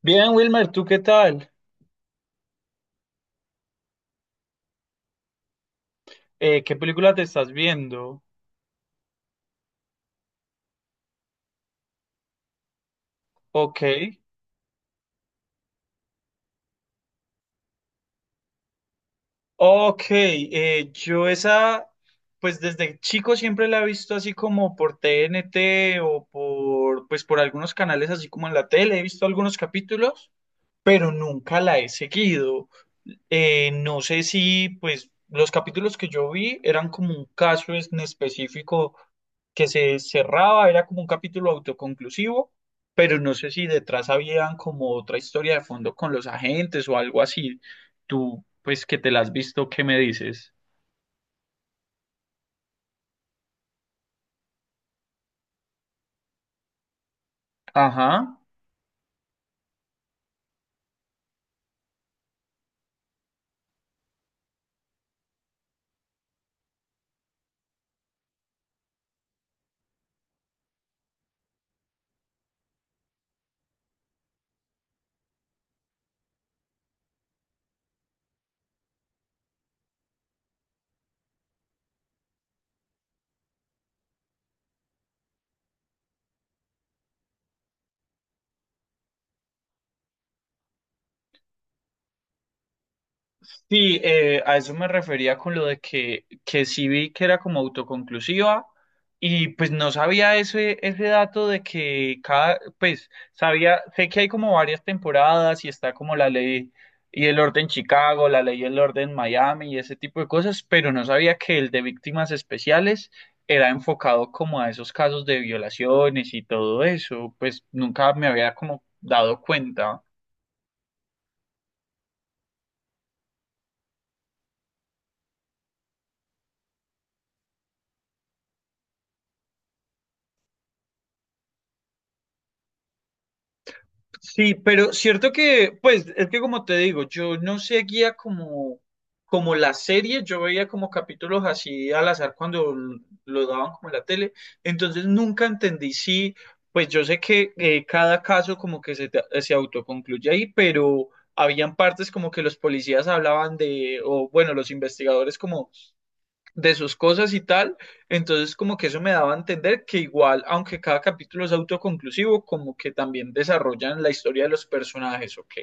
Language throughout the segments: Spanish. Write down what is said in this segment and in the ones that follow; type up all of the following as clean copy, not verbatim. Bien, Wilmer, ¿tú qué tal? ¿Qué película te estás viendo? Ok. Ok, yo esa, pues desde chico siempre la he visto así como por TNT o por, pues por algunos canales así como en la tele, he visto algunos capítulos, pero nunca la he seguido. No sé si, pues, los capítulos que yo vi eran como un caso en específico que se cerraba, era como un capítulo autoconclusivo, pero no sé si detrás habían como otra historia de fondo con los agentes o algo así. Tú, pues, que te la has visto, ¿qué me dices? Ajá. Sí, a eso me refería con lo de que sí vi que era como autoconclusiva, y pues no sabía ese dato de que cada, pues sabía, sé que hay como varias temporadas y está como la ley y el orden Chicago, la ley y el orden Miami y ese tipo de cosas, pero no sabía que el de víctimas especiales era enfocado como a esos casos de violaciones y todo eso, pues nunca me había como dado cuenta. Sí, pero cierto que, pues, es que como te digo, yo no seguía como, como la serie, yo veía como capítulos así al azar cuando lo daban como en la tele, entonces nunca entendí si, pues yo sé que cada caso como que se, se autoconcluye ahí, pero habían partes como que los policías hablaban de, o bueno, los investigadores como de sus cosas y tal. Entonces, como que eso me daba a entender que igual, aunque cada capítulo es autoconclusivo, como que también desarrollan la historia de los personajes, ¿ok?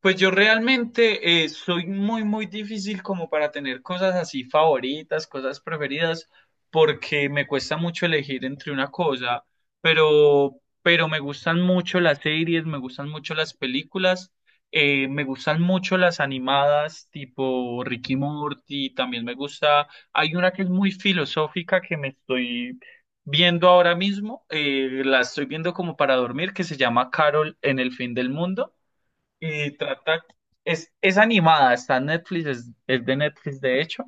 Pues yo realmente soy muy, muy difícil como para tener cosas así favoritas, cosas preferidas, porque me cuesta mucho elegir entre una cosa, pero me gustan mucho las series, me gustan mucho las películas, me gustan mucho las animadas tipo Ricky Morty, también me gusta, hay una que es muy filosófica que me estoy viendo ahora mismo, la estoy viendo como para dormir, que se llama Carol en el fin del mundo. Y trata, es animada, está en Netflix, es de Netflix de hecho,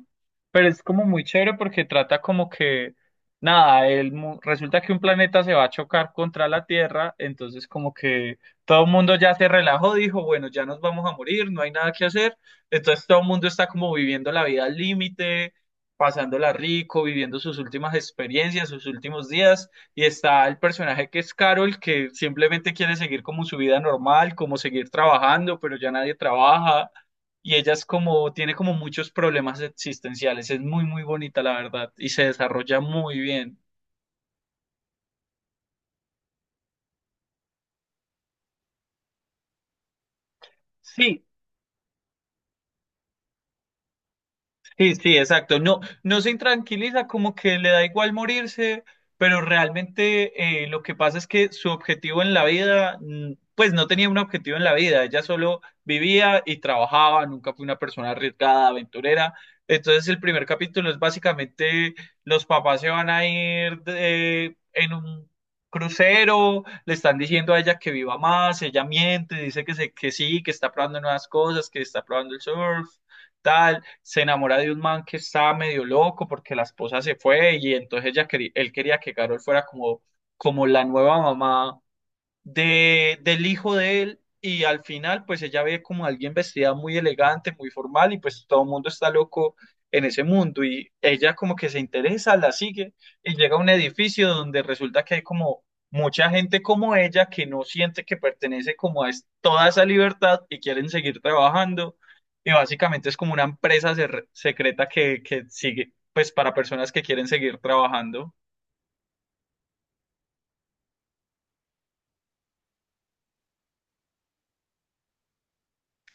pero es como muy chévere porque trata como que, nada, el, resulta que un planeta se va a chocar contra la Tierra, entonces como que todo el mundo ya se relajó, dijo, bueno, ya nos vamos a morir, no hay nada que hacer, entonces todo el mundo está como viviendo la vida al límite, pasándola rico, viviendo sus últimas experiencias, sus últimos días. Y está el personaje que es Carol, que simplemente quiere seguir como su vida normal, como seguir trabajando, pero ya nadie trabaja. Y ella es como, tiene como muchos problemas existenciales. Es muy, muy bonita, la verdad. Y se desarrolla muy bien. Sí. Sí, sí, exacto. No, no se intranquiliza, como que le da igual morirse, pero realmente lo que pasa es que su objetivo en la vida, pues no tenía un objetivo en la vida, ella solo vivía y trabajaba, nunca fue una persona arriesgada, aventurera. Entonces el primer capítulo es básicamente los papás se van a en un crucero, le están diciendo a ella que viva más, ella miente, dice que, se, que sí, que está probando nuevas cosas, que está probando el surf, tal se enamora de un man que estaba medio loco porque la esposa se fue y entonces ella quería, él quería que Carol fuera como, como la nueva mamá de, del hijo de él, y al final pues ella ve como alguien vestida muy elegante, muy formal, y pues todo el mundo está loco en ese mundo y ella como que se interesa, la sigue y llega a un edificio donde resulta que hay como mucha gente como ella que no siente que pertenece como a toda esa libertad y quieren seguir trabajando, y básicamente es como una empresa secreta que sigue pues para personas que quieren seguir trabajando.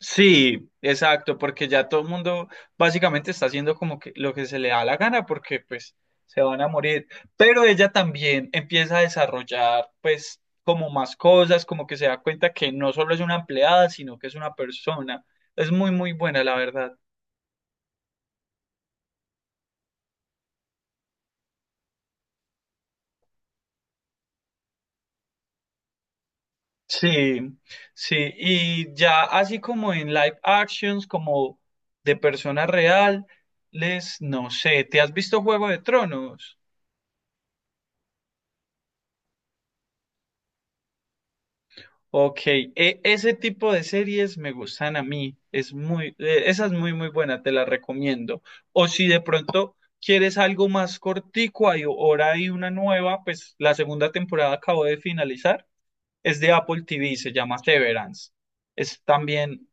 Sí, exacto, porque ya todo el mundo básicamente está haciendo como que lo que se le da la gana porque pues se van a morir. Pero ella también empieza a desarrollar pues como más cosas, como que se da cuenta que no solo es una empleada, sino que es una persona. Es muy, muy buena, la verdad. Sí, sí, y ya así como en live actions, como de persona real, les, no sé, ¿te has visto Juego de Tronos? Ok, ese tipo de series me gustan a mí, es muy, esa es muy muy buena, te la recomiendo. O si de pronto quieres algo más cortico, hay, ahora hay una nueva, pues la segunda temporada acabo de finalizar, es de Apple TV, se llama Severance. Es también,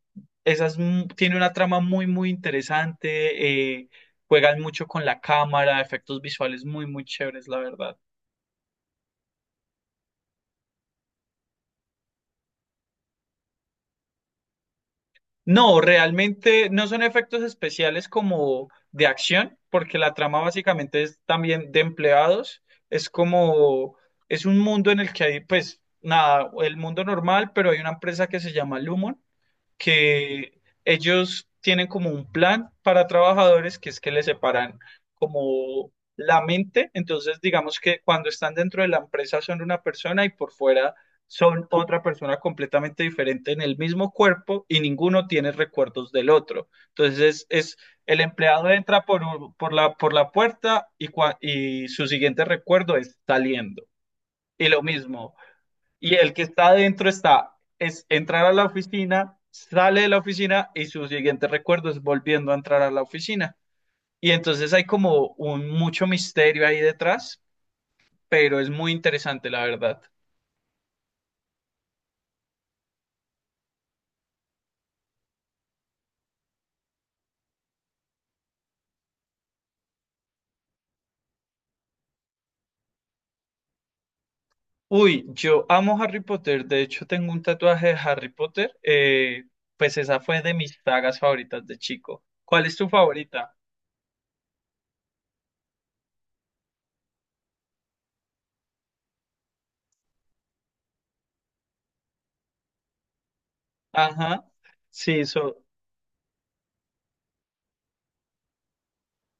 esa es tiene una trama muy muy interesante, juegan mucho con la cámara, efectos visuales muy muy chéveres, la verdad. No, realmente no son efectos especiales como de acción, porque la trama básicamente es también de empleados. Es como, es un mundo en el que hay, pues, nada, el mundo normal, pero hay una empresa que se llama Lumon, que ellos tienen como un plan para trabajadores que es que les separan como la mente, entonces digamos que cuando están dentro de la empresa son una persona y por fuera son otra persona completamente diferente en el mismo cuerpo y ninguno tiene recuerdos del otro. Entonces es, el empleado entra por, por la puerta, y, y su siguiente recuerdo es saliendo. Y lo mismo. Y el que está adentro está, es entrar a la oficina, sale de la oficina y su siguiente recuerdo es volviendo a entrar a la oficina. Y entonces hay como un mucho misterio ahí detrás, pero es muy interesante, la verdad. Uy, yo amo Harry Potter, de hecho tengo un tatuaje de Harry Potter, pues esa fue de mis sagas favoritas de chico. ¿Cuál es tu favorita? Ajá, sí, so-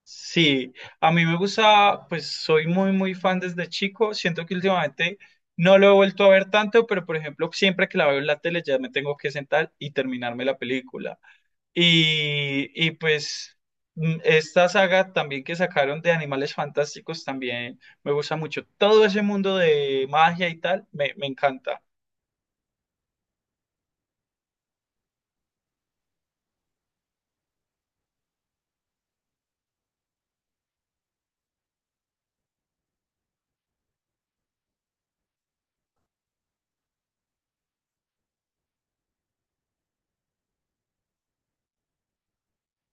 Sí, a mí me gusta, pues soy muy, muy fan desde chico. Siento que últimamente no lo he vuelto a ver tanto, pero por ejemplo, siempre que la veo en la tele ya me tengo que sentar y terminarme la película. Y pues esta saga también que sacaron de Animales Fantásticos también me gusta mucho. Todo ese mundo de magia y tal me, me encanta.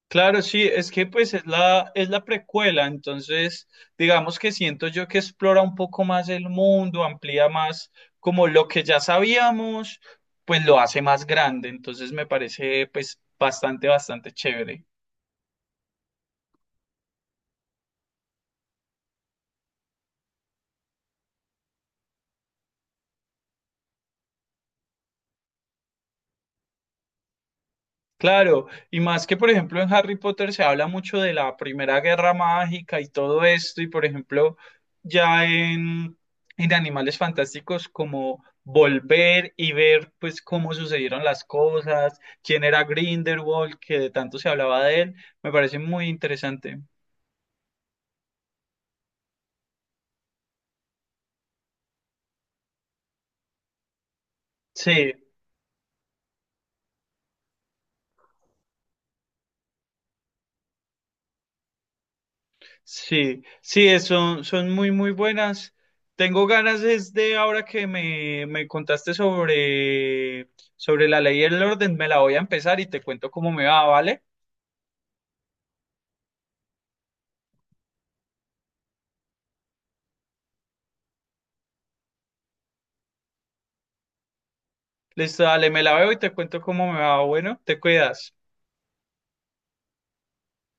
Claro, sí, es que pues es la precuela, entonces digamos que siento yo que explora un poco más el mundo, amplía más como lo que ya sabíamos, pues lo hace más grande, entonces me parece pues bastante, bastante chévere. Claro, y más que por ejemplo en Harry Potter se habla mucho de la Primera Guerra Mágica y todo esto, y por ejemplo ya en Animales Fantásticos como volver y ver pues cómo sucedieron las cosas, quién era Grindelwald, que de tanto se hablaba de él, me parece muy interesante. Sí. Sí, sí, son, son muy, muy buenas. Tengo ganas es de ahora que me contaste sobre, sobre la ley y el orden, me la voy a empezar y te cuento cómo me va, ¿vale? Listo, dale, me la veo y te cuento cómo me va. Bueno, te cuidas.